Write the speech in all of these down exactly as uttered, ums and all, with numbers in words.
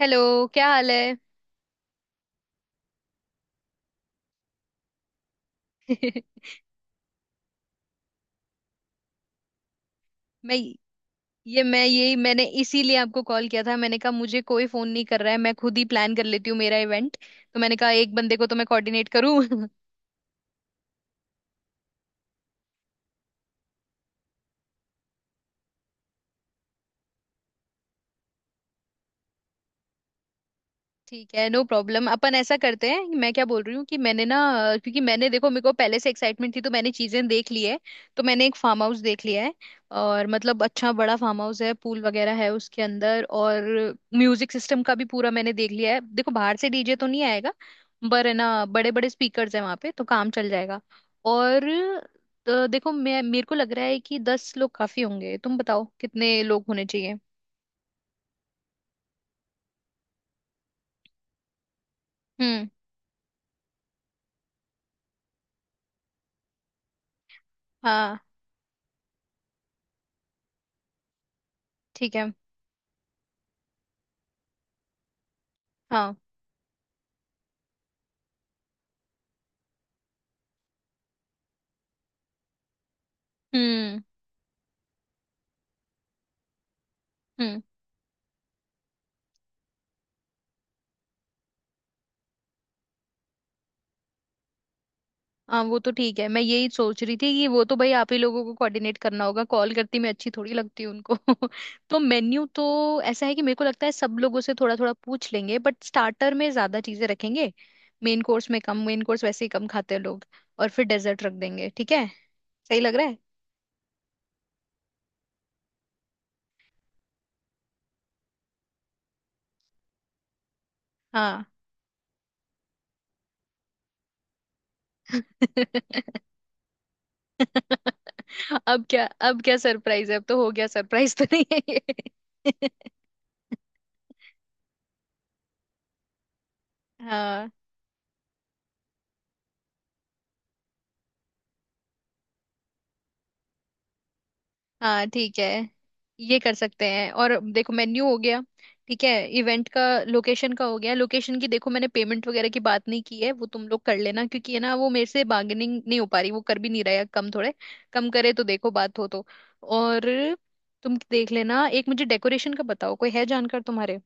Hello, क्या हाल है। मैं ये मैं यही मैंने इसीलिए आपको कॉल किया था। मैंने कहा मुझे कोई फोन नहीं कर रहा है, मैं खुद ही प्लान कर लेती हूँ मेरा इवेंट। तो मैंने कहा एक बंदे को तो मैं कोऑर्डिनेट करूँ। ठीक है, नो प्रॉब्लम। अपन ऐसा करते हैं, मैं क्या बोल रही हूँ कि मैंने ना, क्योंकि मैंने, देखो, मेरे को पहले से एक्साइटमेंट थी तो मैंने चीजें देख ली है। तो मैंने एक फार्म हाउस देख लिया है। और मतलब अच्छा बड़ा फार्म हाउस है, पूल वगैरह है उसके अंदर। और म्यूजिक सिस्टम का भी पूरा मैंने देख लिया है। देखो, बाहर से डीजे तो नहीं आएगा पर है ना, बड़े बड़े स्पीकर्स हैं वहाँ पे, तो काम चल जाएगा। और तो देखो, मैं मेरे को लग रहा है कि दस लोग काफी होंगे, तुम बताओ कितने लोग होने चाहिए। हम्म। हाँ, ठीक है। हाँ। हम्म। हम्म। हाँ, वो तो ठीक है। मैं यही सोच रही थी कि वो तो भाई आप ही लोगों को कोऑर्डिनेट करना होगा, कॉल करती मैं अच्छी थोड़ी लगती हूँ उनको। तो मेन्यू तो ऐसा है कि मेरे को लगता है सब लोगों से थोड़ा थोड़ा पूछ लेंगे, बट स्टार्टर में ज्यादा चीजें रखेंगे। मेन कोर्स में कम, मेन कोर्स वैसे ही कम खाते हैं लोग। और फिर डेजर्ट रख देंगे। ठीक है। सही लग रहा है। हाँ। अब क्या, अब क्या सरप्राइज है, अब तो हो गया, सरप्राइज तो नहीं है ये। हाँ। हाँ, ठीक है, ये कर सकते हैं। और देखो, मेन्यू हो गया, ठीक है। इवेंट का, लोकेशन का हो गया। लोकेशन की, देखो, मैंने पेमेंट वगैरह की बात नहीं की है, वो तुम लोग कर लेना क्योंकि है ना, वो मेरे से बार्गेनिंग नहीं हो पा रही, वो कर भी नहीं रहा है कम थोड़े। कम करे तो देखो बात हो तो। और तुम देख लेना। एक मुझे डेकोरेशन का बताओ, कोई है जानकार तुम्हारे।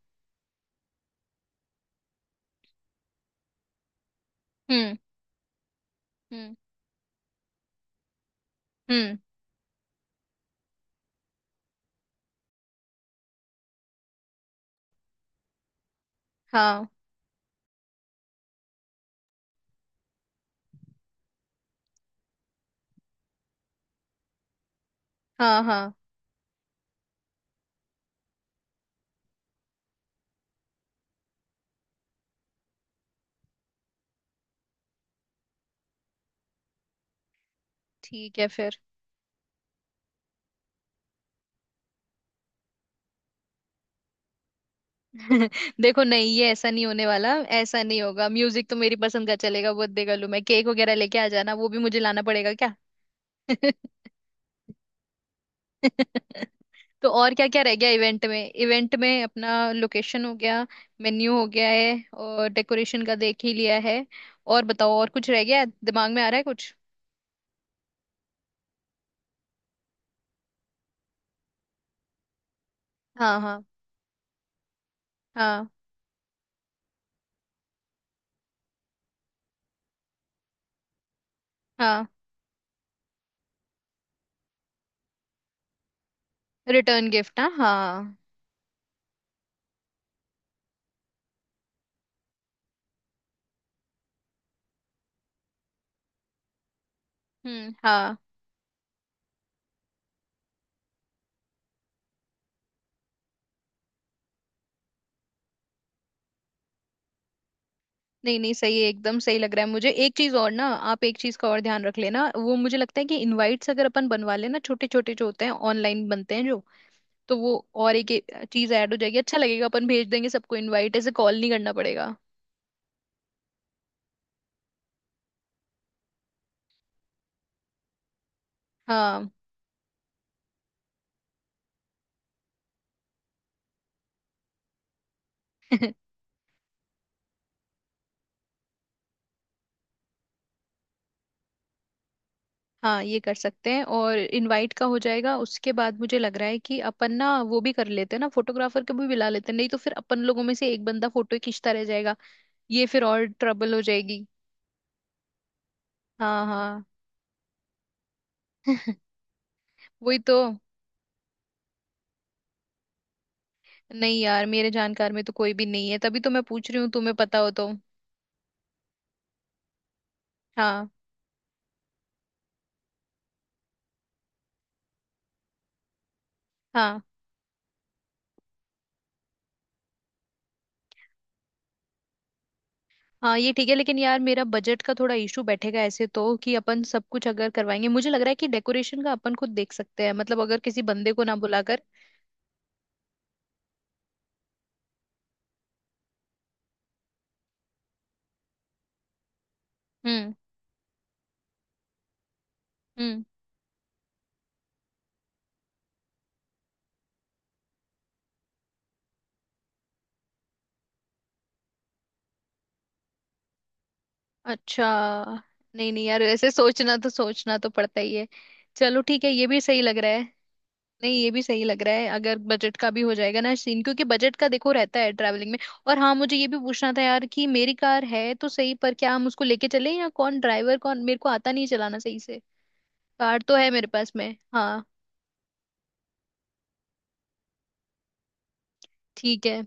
हम्म। हम्म। हम्म। हाँ। हाँ। हाँ, ठीक है फिर। देखो नहीं, ये ऐसा नहीं होने वाला, ऐसा नहीं होगा। म्यूजिक तो मेरी पसंद का चलेगा, वो देगा लू। मैं केक वगैरह लेके आ जाना, वो भी मुझे लाना पड़ेगा क्या। तो और क्या क्या रह गया इवेंट में? इवेंट में अपना लोकेशन हो गया, मेन्यू हो गया है, और डेकोरेशन का देख ही लिया है। और बताओ, और कुछ रह गया है? दिमाग में आ रहा है कुछ? हाँ। हाँ। हाँ। हाँ। रिटर्न गिफ्ट, हाँ हाँ। हम्म। हाँ, नहीं नहीं, सही है, एकदम सही लग रहा है मुझे। एक चीज और ना, आप एक चीज का और ध्यान रख लेना। वो मुझे लगता है कि इनवाइट्स अगर अपन बनवा लेना, छोटे छोटे जो होते हैं, ऑनलाइन बनते हैं जो। तो वो और एक चीज ऐड हो जाएगी, अच्छा लगेगा। अपन भेज देंगे सबको इनवाइट, ऐसे कॉल नहीं करना पड़ेगा। हाँ। हाँ ये कर सकते हैं। और इनवाइट का हो जाएगा, उसके बाद मुझे लग रहा है कि अपन ना वो भी कर लेते हैं ना, फोटोग्राफर को भी बुला लेते हैं, नहीं तो फिर अपन लोगों में से एक बंदा फोटो खींचता रह जाएगा। ये फिर और ट्रबल हो जाएगी। हाँ हाँ। वही तो। नहीं यार, मेरे जानकार में तो कोई भी नहीं है, तभी तो मैं पूछ रही हूँ, तुम्हें पता हो तो। हाँ। हाँ। हाँ ये ठीक है, लेकिन यार, मेरा बजट का थोड़ा इशू बैठेगा ऐसे तो, कि अपन सब कुछ अगर करवाएंगे। मुझे लग रहा है कि डेकोरेशन का अपन खुद देख सकते हैं, मतलब अगर किसी बंदे को ना बुलाकर। हम्म। हम्म। अच्छा। नहीं नहीं यार, ऐसे सोचना तो सोचना तो पड़ता ही है। चलो ठीक है, ये भी सही लग रहा है। नहीं, ये भी सही लग रहा है, अगर बजट का भी हो जाएगा ना सीन, क्योंकि बजट का देखो रहता है ट्रैवलिंग में। और हाँ, मुझे ये भी पूछना था यार, कि मेरी कार है तो सही, पर क्या हम उसको लेके चले, या कौन ड्राइवर? कौन, मेरे को आता नहीं चलाना सही से। कार तो है मेरे पास में, हाँ। ठीक है।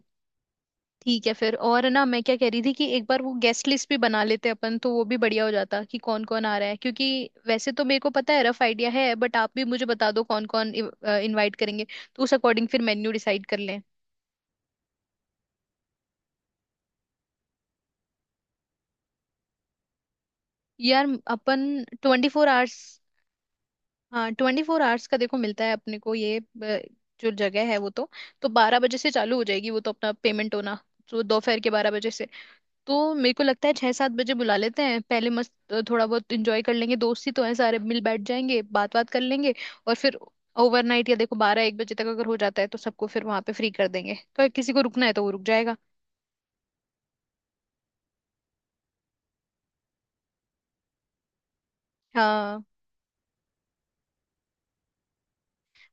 ठीक है फिर। और है ना, मैं क्या कह रही थी, कि एक बार वो गेस्ट लिस्ट भी बना लेते अपन, तो वो भी बढ़िया हो जाता कि कौन कौन आ रहा है। क्योंकि वैसे तो मेरे को पता है, रफ आइडिया है, बट आप भी मुझे बता दो कौन कौन इनवाइट करेंगे, तो उस अकॉर्डिंग फिर मेन्यू डिसाइड कर लें। यार अपन, ट्वेंटी फोर आवर्स। हाँ, ट्वेंटी फोर आवर्स का देखो मिलता है अपने को ये, अ, जो जगह है वो तो तो बारह बजे से चालू हो जाएगी वो तो, अपना पेमेंट होना। तो दोपहर के बारह बजे से। तो मेरे को लगता है छह सात बजे बुला लेते हैं पहले, मस्त, अ, थोड़ा बहुत इंजॉय कर लेंगे। दोस्त ही तो हैं सारे, मिल बैठ जाएंगे, बात बात कर लेंगे। और फिर ओवरनाइट, या देखो बारह एक बजे तक अगर हो जाता है, तो सबको फिर वहां पे फ्री कर देंगे, तो किसी को रुकना है तो वो रुक जाएगा। हाँ।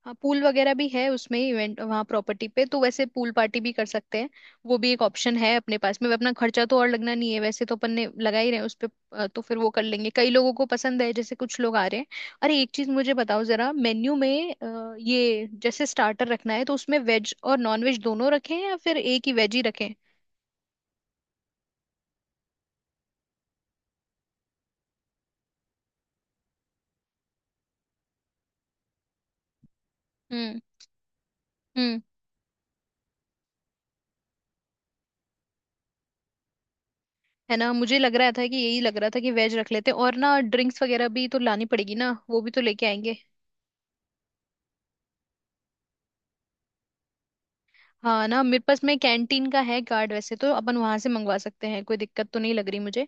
हाँ, पूल वगैरह भी है उसमें इवेंट, वहाँ प्रॉपर्टी पे, तो वैसे पूल पार्टी भी कर सकते हैं। वो भी एक ऑप्शन है अपने पास में, अपना खर्चा तो और लगना नहीं है, वैसे तो अपन ने लगा ही रहे हैं उस पे। अ, तो फिर वो कर लेंगे, कई लोगों को पसंद है, जैसे कुछ लोग आ रहे हैं। अरे एक चीज मुझे बताओ जरा, मेन्यू में अ, ये जैसे स्टार्टर रखना है, तो उसमें वेज और नॉन वेज दोनों रखें, या फिर एक ही वेज ही रखें। हम्म। हम्म। है ना, मुझे लग रहा था कि यही लग रहा था कि वेज रख लेते हैं। और ना ड्रिंक्स वगैरह भी तो लानी पड़ेगी ना, वो भी तो लेके आएंगे। हाँ ना, मेरे पास में कैंटीन का है कार्ड, वैसे तो अपन वहां से मंगवा सकते हैं, कोई दिक्कत तो नहीं लग रही मुझे।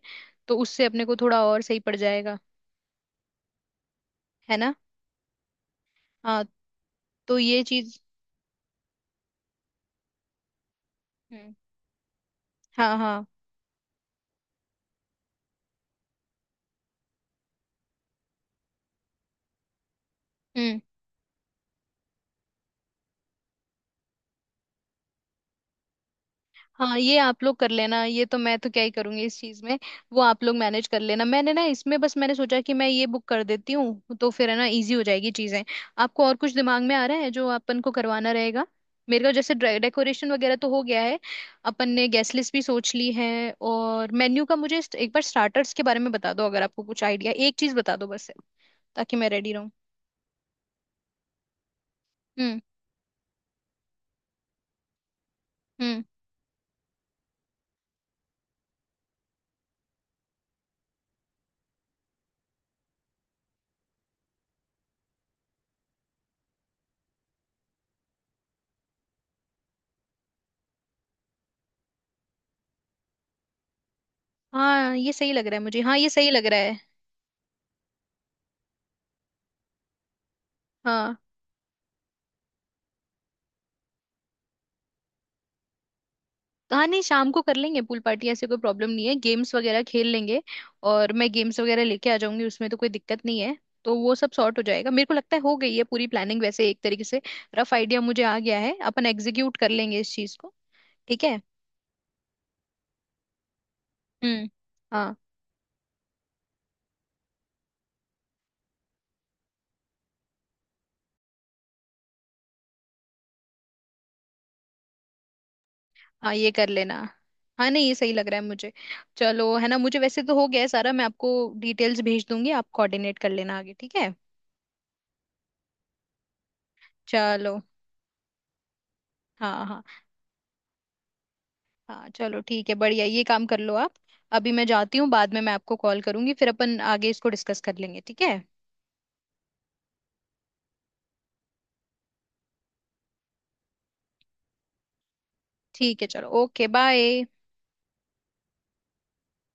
तो उससे अपने को थोड़ा और सही पड़ जाएगा। है ना। हाँ। तो ये चीज। हम्म। हाँ। हाँ। हम्म। हाँ ये आप लोग कर लेना, ये तो मैं तो क्या ही करूंगी इस चीज में। वो आप लोग मैनेज कर लेना, मैंने ना इसमें बस मैंने सोचा कि मैं ये बुक कर देती हूँ, तो फिर है ना इजी हो जाएगी चीजें। आपको और कुछ दिमाग में आ रहा है जो अपन को करवाना रहेगा? मेरे को जैसे डेकोरेशन वगैरह तो हो गया है, अपन ने गेस्ट लिस्ट भी सोच ली है। और मेन्यू का मुझे स्ट- एक बार स्टार्टर्स के बारे में बता दो, अगर आपको कुछ आइडिया। एक चीज बता दो बस, ताकि मैं रेडी रहूं। हम्म। हम्म। हाँ ये सही लग रहा है मुझे। हाँ ये सही लग रहा है। हाँ हाँ। नहीं शाम को कर लेंगे पूल पार्टी, ऐसे कोई प्रॉब्लम नहीं है, गेम्स वगैरह खेल लेंगे। और मैं गेम्स वगैरह लेके आ जाऊंगी, उसमें तो कोई दिक्कत नहीं है। तो वो सब सॉर्ट हो जाएगा, मेरे को लगता है हो गई है पूरी प्लानिंग, वैसे एक तरीके से। रफ आइडिया मुझे आ गया है, अपन एग्जीक्यूट कर लेंगे इस चीज को। ठीक है। हम्म। हाँ। हाँ ये कर लेना। हाँ नहीं, ये सही लग रहा है मुझे। चलो है ना, मुझे वैसे तो हो गया है सारा, मैं आपको डिटेल्स भेज दूंगी, आप कोऑर्डिनेट कर लेना आगे, ठीक है। चलो। हाँ हाँ। हाँ चलो ठीक है, बढ़िया, ये काम कर लो आप। अभी मैं जाती हूँ, बाद में मैं आपको कॉल करूंगी, फिर अपन आगे इसको डिस्कस कर लेंगे, ठीक है। ठीक है चलो, ओके बाय।